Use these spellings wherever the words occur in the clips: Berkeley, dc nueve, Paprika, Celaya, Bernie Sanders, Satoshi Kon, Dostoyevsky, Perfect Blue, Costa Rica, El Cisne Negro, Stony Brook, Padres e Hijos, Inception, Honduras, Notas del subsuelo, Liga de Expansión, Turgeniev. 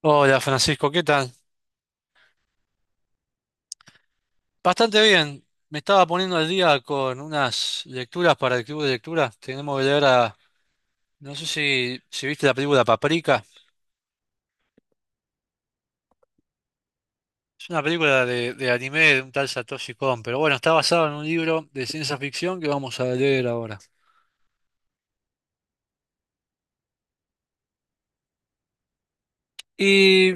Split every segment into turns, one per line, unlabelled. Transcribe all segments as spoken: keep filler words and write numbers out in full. Hola Francisco, ¿qué tal? Bastante bien. Me estaba poniendo al día con unas lecturas para el club de lectura. Tenemos que leer a... No sé si, si viste la película Paprika. Es una película de, de anime de un tal Satoshi Kon, pero bueno, está basado en un libro de ciencia ficción que vamos a leer ahora. Y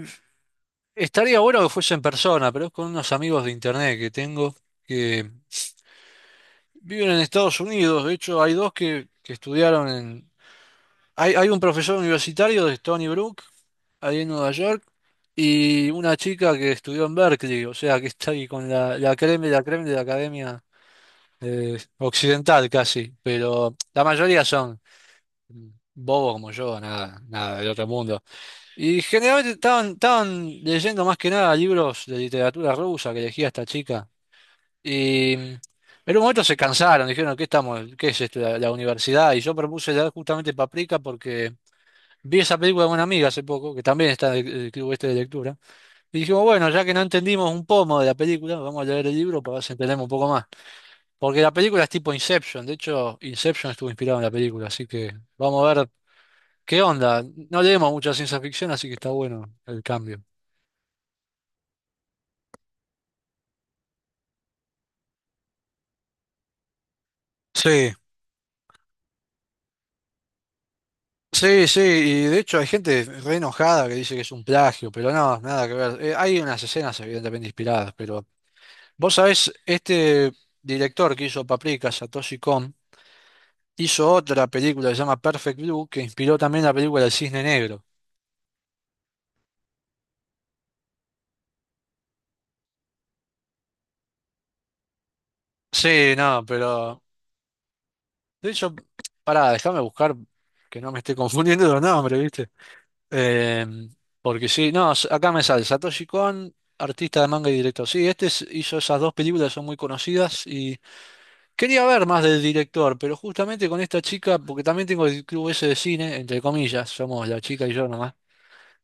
estaría bueno que fuese en persona, pero es con unos amigos de internet que tengo que viven en Estados Unidos. De hecho, hay dos que, que estudiaron en... Hay, hay un profesor universitario de Stony Brook, ahí en Nueva York. Y una chica que estudió en Berkeley, o sea que está ahí con la, la creme, la creme de la academia eh, occidental casi, pero la mayoría son bobos como yo, nada, nada del otro mundo. Y generalmente estaban, estaban leyendo más que nada libros de literatura rusa que elegía esta chica. Y mm, en un momento se cansaron, dijeron, ¿qué estamos? ¿Qué es esto? La, la universidad. Y yo propuse leer justamente Paprika porque vi esa película de una amiga hace poco, que también está en el el club este de lectura. Y dijimos, bueno, ya que no entendimos un pomo de la película, vamos a leer el libro para ver si entendemos un poco más. Porque la película es tipo Inception, de hecho, Inception estuvo inspirado en la película, así que vamos a ver qué onda. No leemos mucha ciencia ficción, así que está bueno el cambio. Sí, sí, sí, y de hecho hay gente re enojada que dice que es un plagio, pero no, nada que ver. Eh, hay unas escenas evidentemente inspiradas, pero vos sabés, este director que hizo Paprika, Satoshi Kon, hizo otra película que se llama Perfect Blue, que inspiró también la película El Cisne Negro. Sí, no, pero. De hecho, pará, déjame buscar que no me esté confundiendo los nombres, ¿viste? Eh, Porque sí, no, s- acá me sale Satoshi Kon, artista de manga y director. Sí, este es- hizo esas dos películas, son muy conocidas y quería ver más del director, pero justamente con esta chica, porque también tengo el club ese de cine, entre comillas, somos la chica y yo nomás,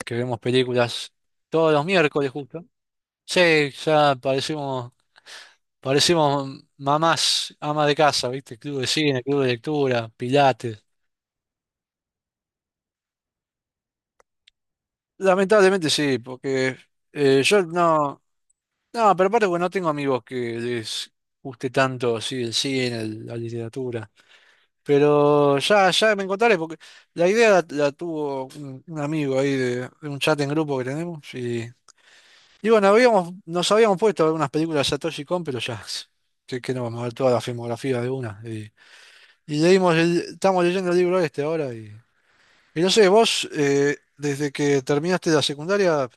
que vemos películas todos los miércoles justo. Sí, ya parecemos. Parecimos mamás, amas de casa, ¿viste? Club de cine, club de lectura, pilates. Lamentablemente sí, porque eh, yo no... No, pero aparte porque no tengo amigos que les guste tanto así el cine, el- la literatura. Pero ya, ya me encontraré, porque la idea la, la tuvo un, un amigo ahí de, de un chat en grupo que tenemos. Y, y bueno, habíamos, nos habíamos puesto a ver unas películas de Satoshi Kon, pero ya, que, que no vamos a ver toda la filmografía de una. Y, y leímos el- estamos leyendo el libro este ahora y... Y no sé, vos, eh, desde que terminaste la secundaria,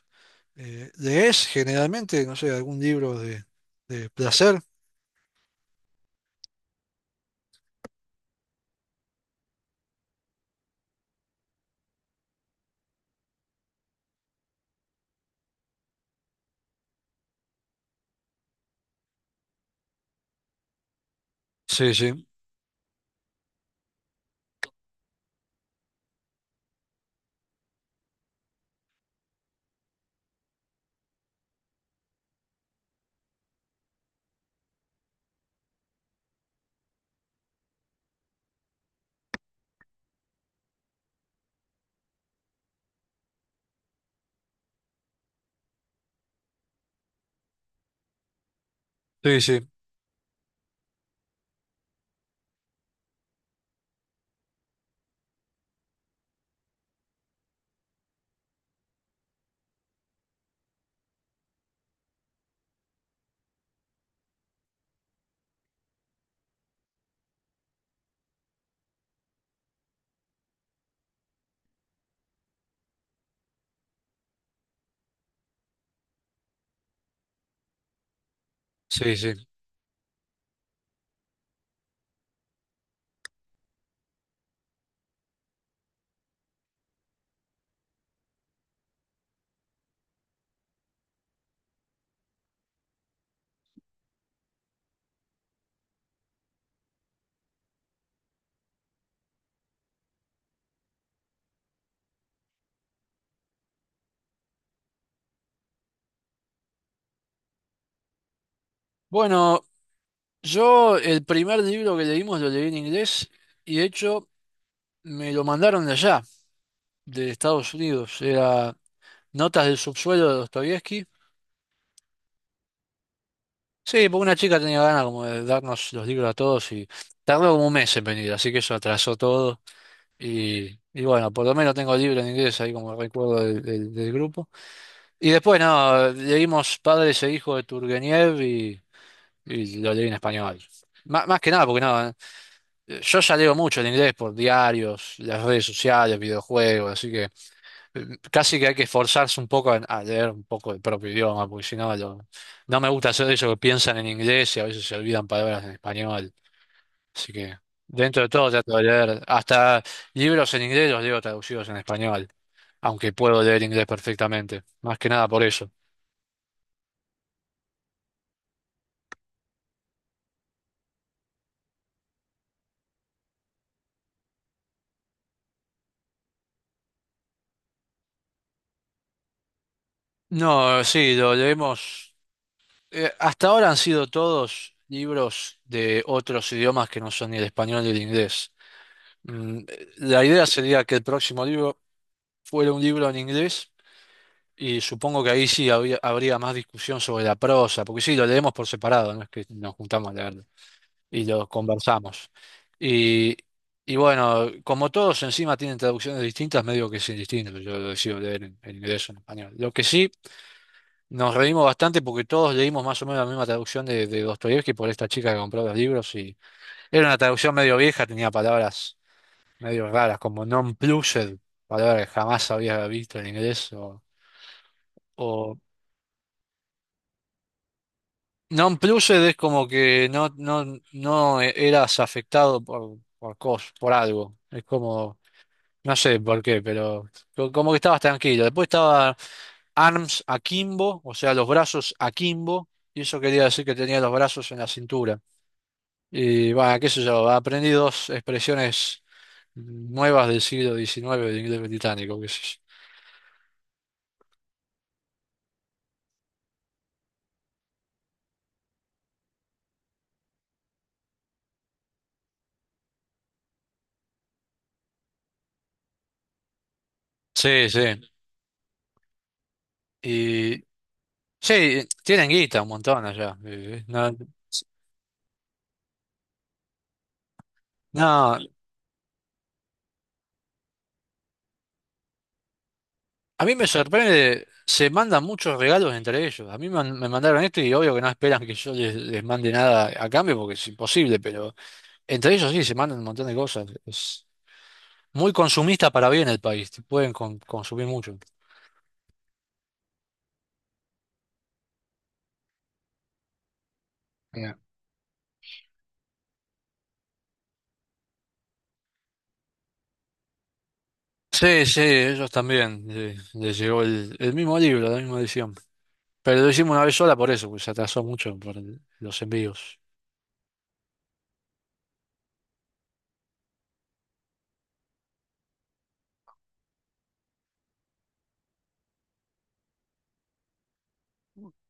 eh, ¿lees generalmente, no sé, algún libro de, de placer? Sí, sí, sí, sí, sí, sí. Bueno, yo el primer libro que leímos lo leí en inglés y de hecho me lo mandaron de allá, de Estados Unidos. Era Notas del subsuelo de Dostoyevsky. Sí, porque una chica tenía ganas como de darnos los libros a todos y tardó como un mes en venir, así que eso atrasó todo. Y, y bueno, por lo menos tengo libro en inglés ahí como recuerdo del, del- del grupo. Y después, no, leímos Padres e Hijos de Turgeniev y, y lo leí en español. Má- más que nada, porque no, eh, yo ya leo mucho en inglés por diarios, las redes sociales, videojuegos, así que eh, casi que hay que esforzarse un poco en- a leer un poco el propio idioma, porque si no, lo- no me gusta hacer eso que piensan en inglés y a veces se olvidan palabras en español. Así que dentro de todo trato de leer, hasta libros en inglés los leo traducidos en español aunque puedo leer inglés perfectamente, más que nada por eso. No, sí, lo leemos. Eh, hasta ahora han sido todos libros de otros idiomas que no son ni el español ni el inglés. Mm, eh, la idea sería que el próximo libro fuera un libro en inglés y supongo que ahí sí habría, habría más discusión sobre la prosa, porque sí, lo leemos por separado, no es que nos juntamos a leerlo. Y lo conversamos. Y, y bueno, como todos encima tienen traducciones distintas, medio que es indistinto, yo lo decido leer en, en inglés o en español. Lo que sí, nos reímos bastante porque todos leímos más o menos la misma traducción de, de Dostoyevsky por esta chica que compró los libros y era una traducción medio vieja, tenía palabras medio raras como non-plussed, palabra que jamás había visto en inglés, o, o non-plussed es como que no, no, no eras afectado por, por cos, por algo. Es como... No sé por qué, pero co- como que estabas tranquilo. Después estaba arms akimbo, o sea, los brazos akimbo, y eso quería decir que tenía los brazos en la cintura. Y bueno, qué sé yo, aprendí dos expresiones nuevas del siglo diecinueve del inglés británico, qué sé yo. Sí, sí. Y sí, tienen guita un montón allá. eh, eh, No, no, a mí me sorprende, se mandan muchos regalos entre ellos. A mí man- me mandaron esto y obvio que no esperan que yo les, les mande nada a cambio porque es imposible, pero entre ellos sí se mandan un montón de cosas. Es muy consumista para bien el país, te pueden con- consumir mucho. Mira. Sí, sí, ellos también eh, les llegó el, el mismo libro, la misma edición. Pero lo hicimos una vez sola por eso, porque se atrasó mucho por el- los envíos.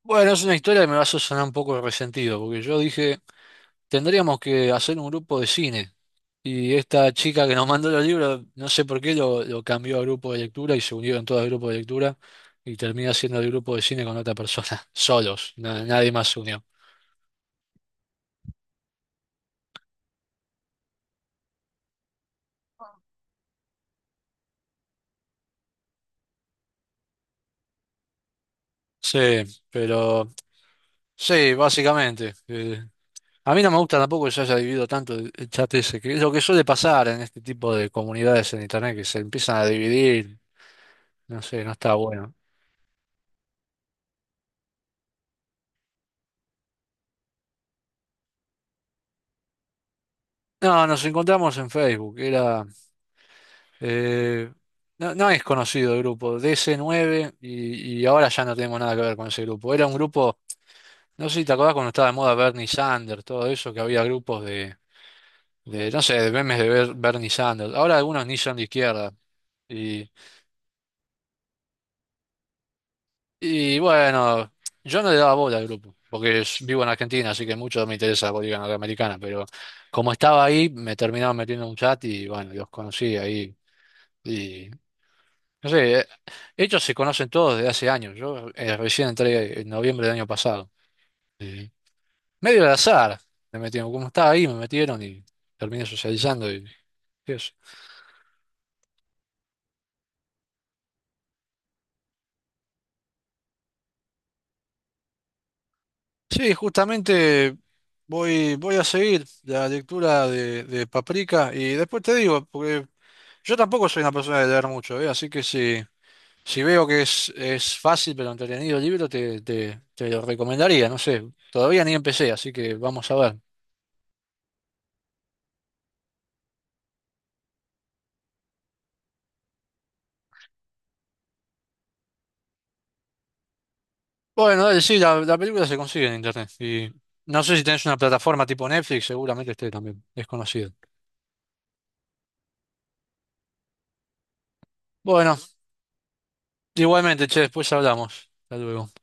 Bueno, es una historia que me va a hacer sonar un poco resentido, porque yo dije, tendríamos que hacer un grupo de cine. Y esta chica que nos mandó los libros, no sé por qué, lo, lo cambió a grupo de lectura y se unieron todos al grupo de lectura y termina siendo el grupo de cine con otra persona, solos, na- nadie más se unió. Sí, pero sí, básicamente. Eh, a mí no me gusta tampoco que se haya dividido tanto el el chat ese, que es lo que suele pasar en este tipo de comunidades en internet, que se empiezan a dividir, no sé, no está bueno. No, nos encontramos en Facebook, era... Eh, no, no es conocido el grupo, dc nueve y, y ahora ya no tenemos nada que ver con ese grupo. Era un grupo, no sé si te acordás cuando estaba de moda Bernie Sanders, todo eso, que había grupos de, de, no sé, de memes de Ber- Bernie Sanders. Ahora algunos ni son de izquierda. Y, y bueno, yo no le daba bola al grupo, porque es- vivo en Argentina, así que mucho no me interesa la política norteamericana, pero como estaba ahí, me terminaron metiendo en un chat y bueno, los conocí ahí. Y no sé, eh, ellos se conocen todos desde hace años. Yo eh, recién entré en noviembre del año pasado. Y medio al azar me metieron. Como estaba ahí, me metieron y terminé socializando y eso. Sí, justamente voy, voy a seguir la lectura de, de Paprika y después te digo, porque yo tampoco soy una persona de leer mucho, ¿eh? Así que si, si veo que es, es fácil pero entretenido el libro, te, te, te lo recomendaría. No sé, todavía ni empecé, así que vamos a ver. Bueno, dale, sí, la, la película se consigue en internet. Y no sé si tenés una plataforma tipo Netflix, seguramente esté también. Es conocida. Bueno, igualmente, che, después hablamos. Hasta luego.